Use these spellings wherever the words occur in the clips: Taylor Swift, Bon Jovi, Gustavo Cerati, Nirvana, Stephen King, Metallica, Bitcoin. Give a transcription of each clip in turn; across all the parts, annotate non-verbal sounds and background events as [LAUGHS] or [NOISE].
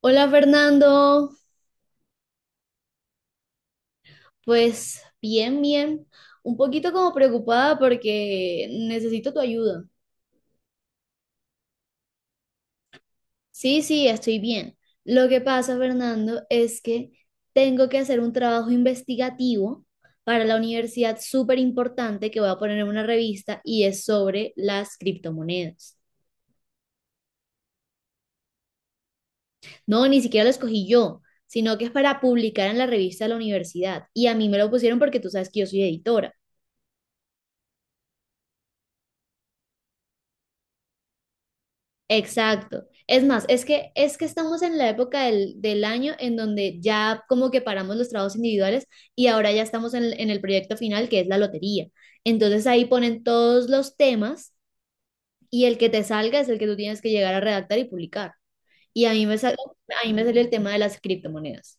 Hola, Fernando. Pues bien, bien, un poquito como preocupada porque necesito tu ayuda. Sí, sí, estoy bien. Lo que pasa, Fernando, es que tengo que hacer un trabajo investigativo para la universidad súper importante que voy a poner en una revista y es sobre las criptomonedas. No, ni siquiera lo escogí yo, sino que es para publicar en la revista de la universidad y a mí me lo pusieron porque tú sabes que yo soy editora. Exacto. Es más, es que estamos en la época del año en donde ya como que paramos los trabajos individuales y ahora ya estamos en el proyecto final que es la lotería. Entonces ahí ponen todos los temas y el que te salga es el que tú tienes que llegar a redactar y publicar. Y a mí me sal- a mí me salió el tema de las criptomonedas.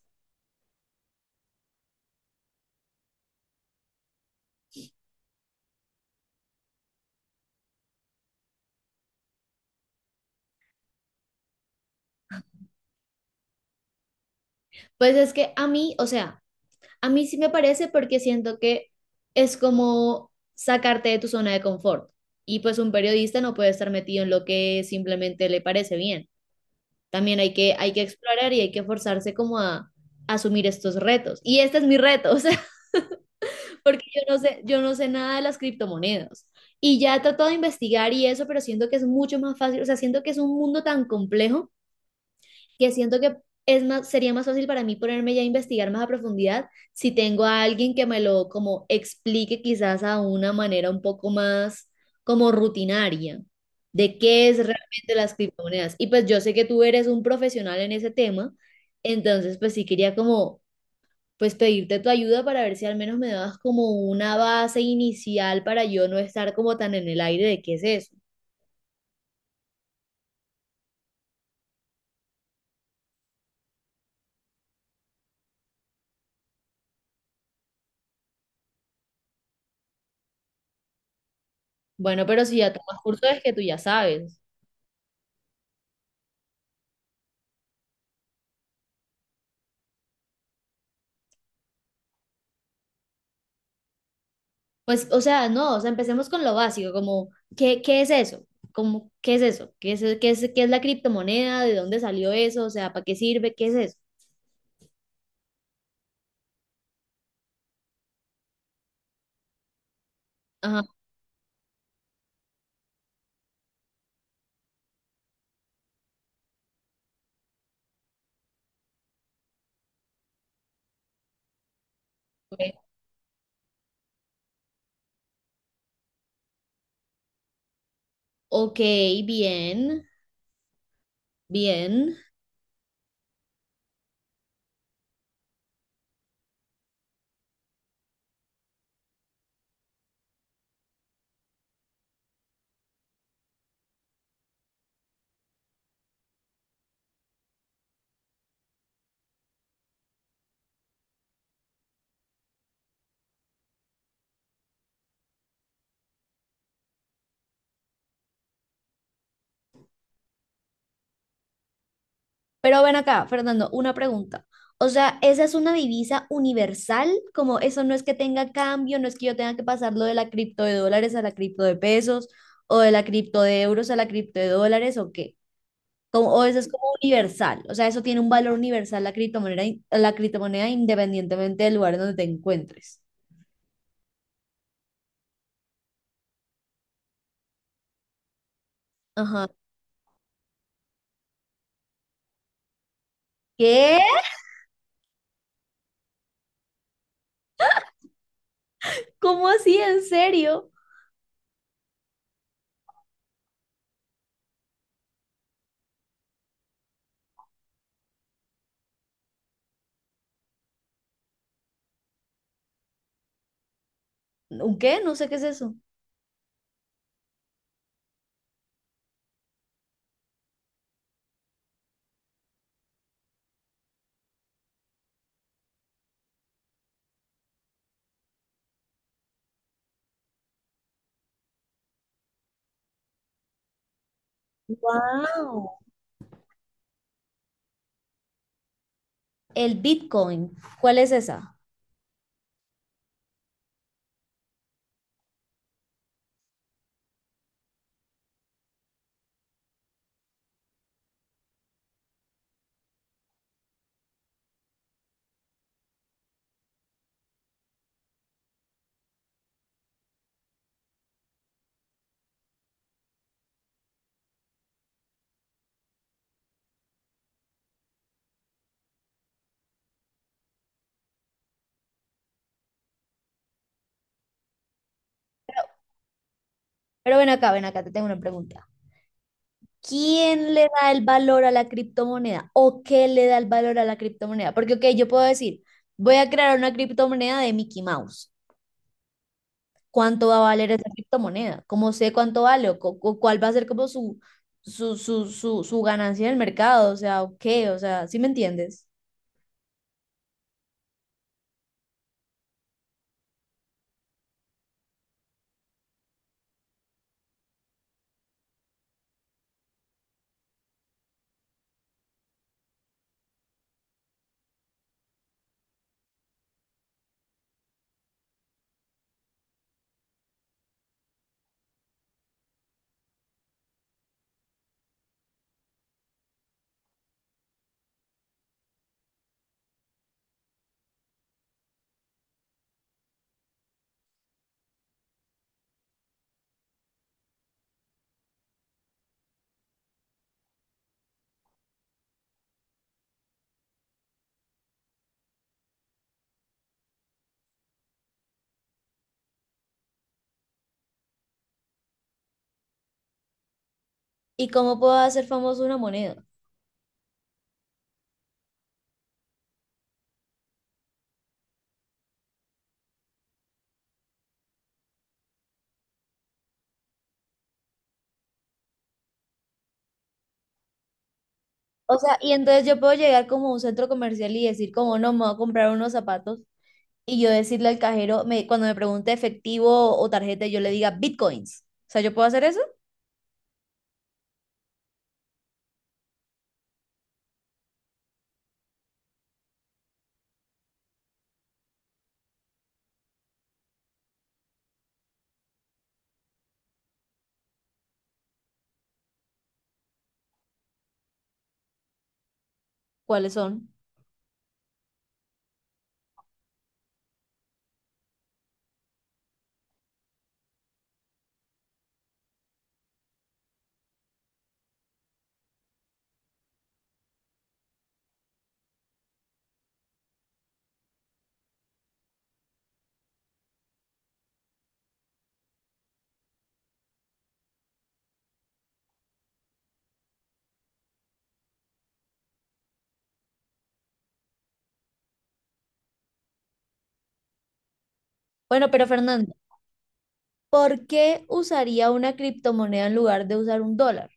Pues es que a mí, o sea, a mí sí me parece porque siento que es como sacarte de tu zona de confort. Y pues un periodista no puede estar metido en lo que simplemente le parece bien. También hay que explorar y hay que forzarse como a asumir estos retos. Y este es mi reto, [LAUGHS] o sea, porque yo no sé nada de las criptomonedas. Y ya he tratado de investigar y eso, pero siento que es mucho más fácil, o sea, siento que es un mundo tan complejo que siento que es más, sería más fácil para mí ponerme ya a investigar más a profundidad si tengo a alguien que me lo como explique quizás a una manera un poco más como rutinaria de qué es realmente las criptomonedas. Y pues yo sé que tú eres un profesional en ese tema, entonces pues sí quería como pues pedirte tu ayuda para ver si al menos me dabas como una base inicial para yo no estar como tan en el aire de qué es eso. Bueno, pero si ya tomas curso es que tú ya sabes. Pues, o sea, no, o sea, empecemos con lo básico, como, ¿qué, qué es eso? Como, ¿qué es eso? ¿Qué es, qué es, qué es la criptomoneda? ¿De dónde salió eso? O sea, ¿para qué sirve? ¿Qué es eso? Ajá, ok. Ok, bien, bien. Pero ven acá, Fernando, una pregunta. O sea, ¿esa es una divisa universal? Como eso no es que tenga cambio, no es que yo tenga que pasar lo de la cripto de dólares a la cripto de pesos o de la cripto de euros a la cripto de dólares o qué. Como, o eso es como universal, o sea, eso tiene un valor universal la criptomoneda, la criptomoneda independientemente del lugar donde te encuentres. Ajá. ¿Qué? ¿Cómo así? ¿En serio? ¿Un qué? No sé qué es eso. Wow. El Bitcoin, ¿cuál es esa? Pero ven acá, te tengo una pregunta. ¿Quién le da el valor a la criptomoneda? ¿O qué le da el valor a la criptomoneda? Porque, ok, yo puedo decir, voy a crear una criptomoneda de Mickey Mouse. ¿Cuánto va a valer esa criptomoneda? ¿Cómo sé cuánto vale? O, ¿cuál va a ser como su ganancia en el mercado? O sea, o qué, o sea, ¿sí me entiendes? ¿Y cómo puedo hacer famoso una moneda? O sea, y entonces yo puedo llegar como a un centro comercial y decir como, no, me voy a comprar unos zapatos y yo decirle al cajero, me, cuando me pregunte efectivo o tarjeta, yo le diga bitcoins. O sea, ¿yo puedo hacer eso? ¿Cuáles son? Bueno, pero Fernando, ¿por qué usaría una criptomoneda en lugar de usar un dólar?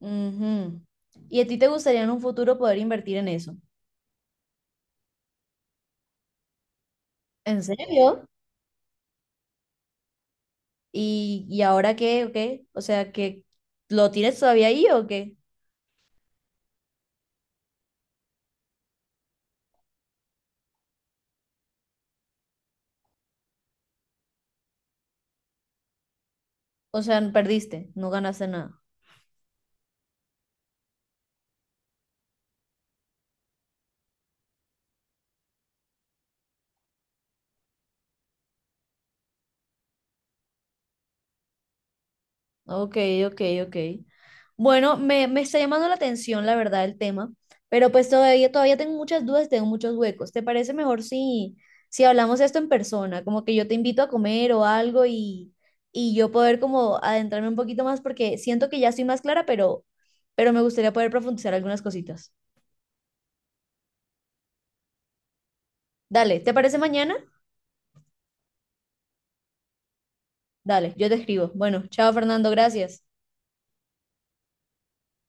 Ujú. ¿Y a ti te gustaría en un futuro poder invertir en eso? ¿En serio? Y ahora qué o qué? O sea, ¿que lo tienes todavía ahí o qué? O sea, perdiste, no ganaste nada. Ok, ok, ok. Bueno, me está llamando la atención, la verdad, el tema, pero pues todavía, todavía tengo muchas dudas, tengo muchos huecos. ¿Te parece mejor si, si hablamos esto en persona? Como que yo te invito a comer o algo y yo poder como adentrarme un poquito más porque siento que ya estoy más clara, pero me gustaría poder profundizar algunas cositas. Dale, ¿te parece mañana? Dale, yo te escribo. Bueno, chao Fernando, gracias.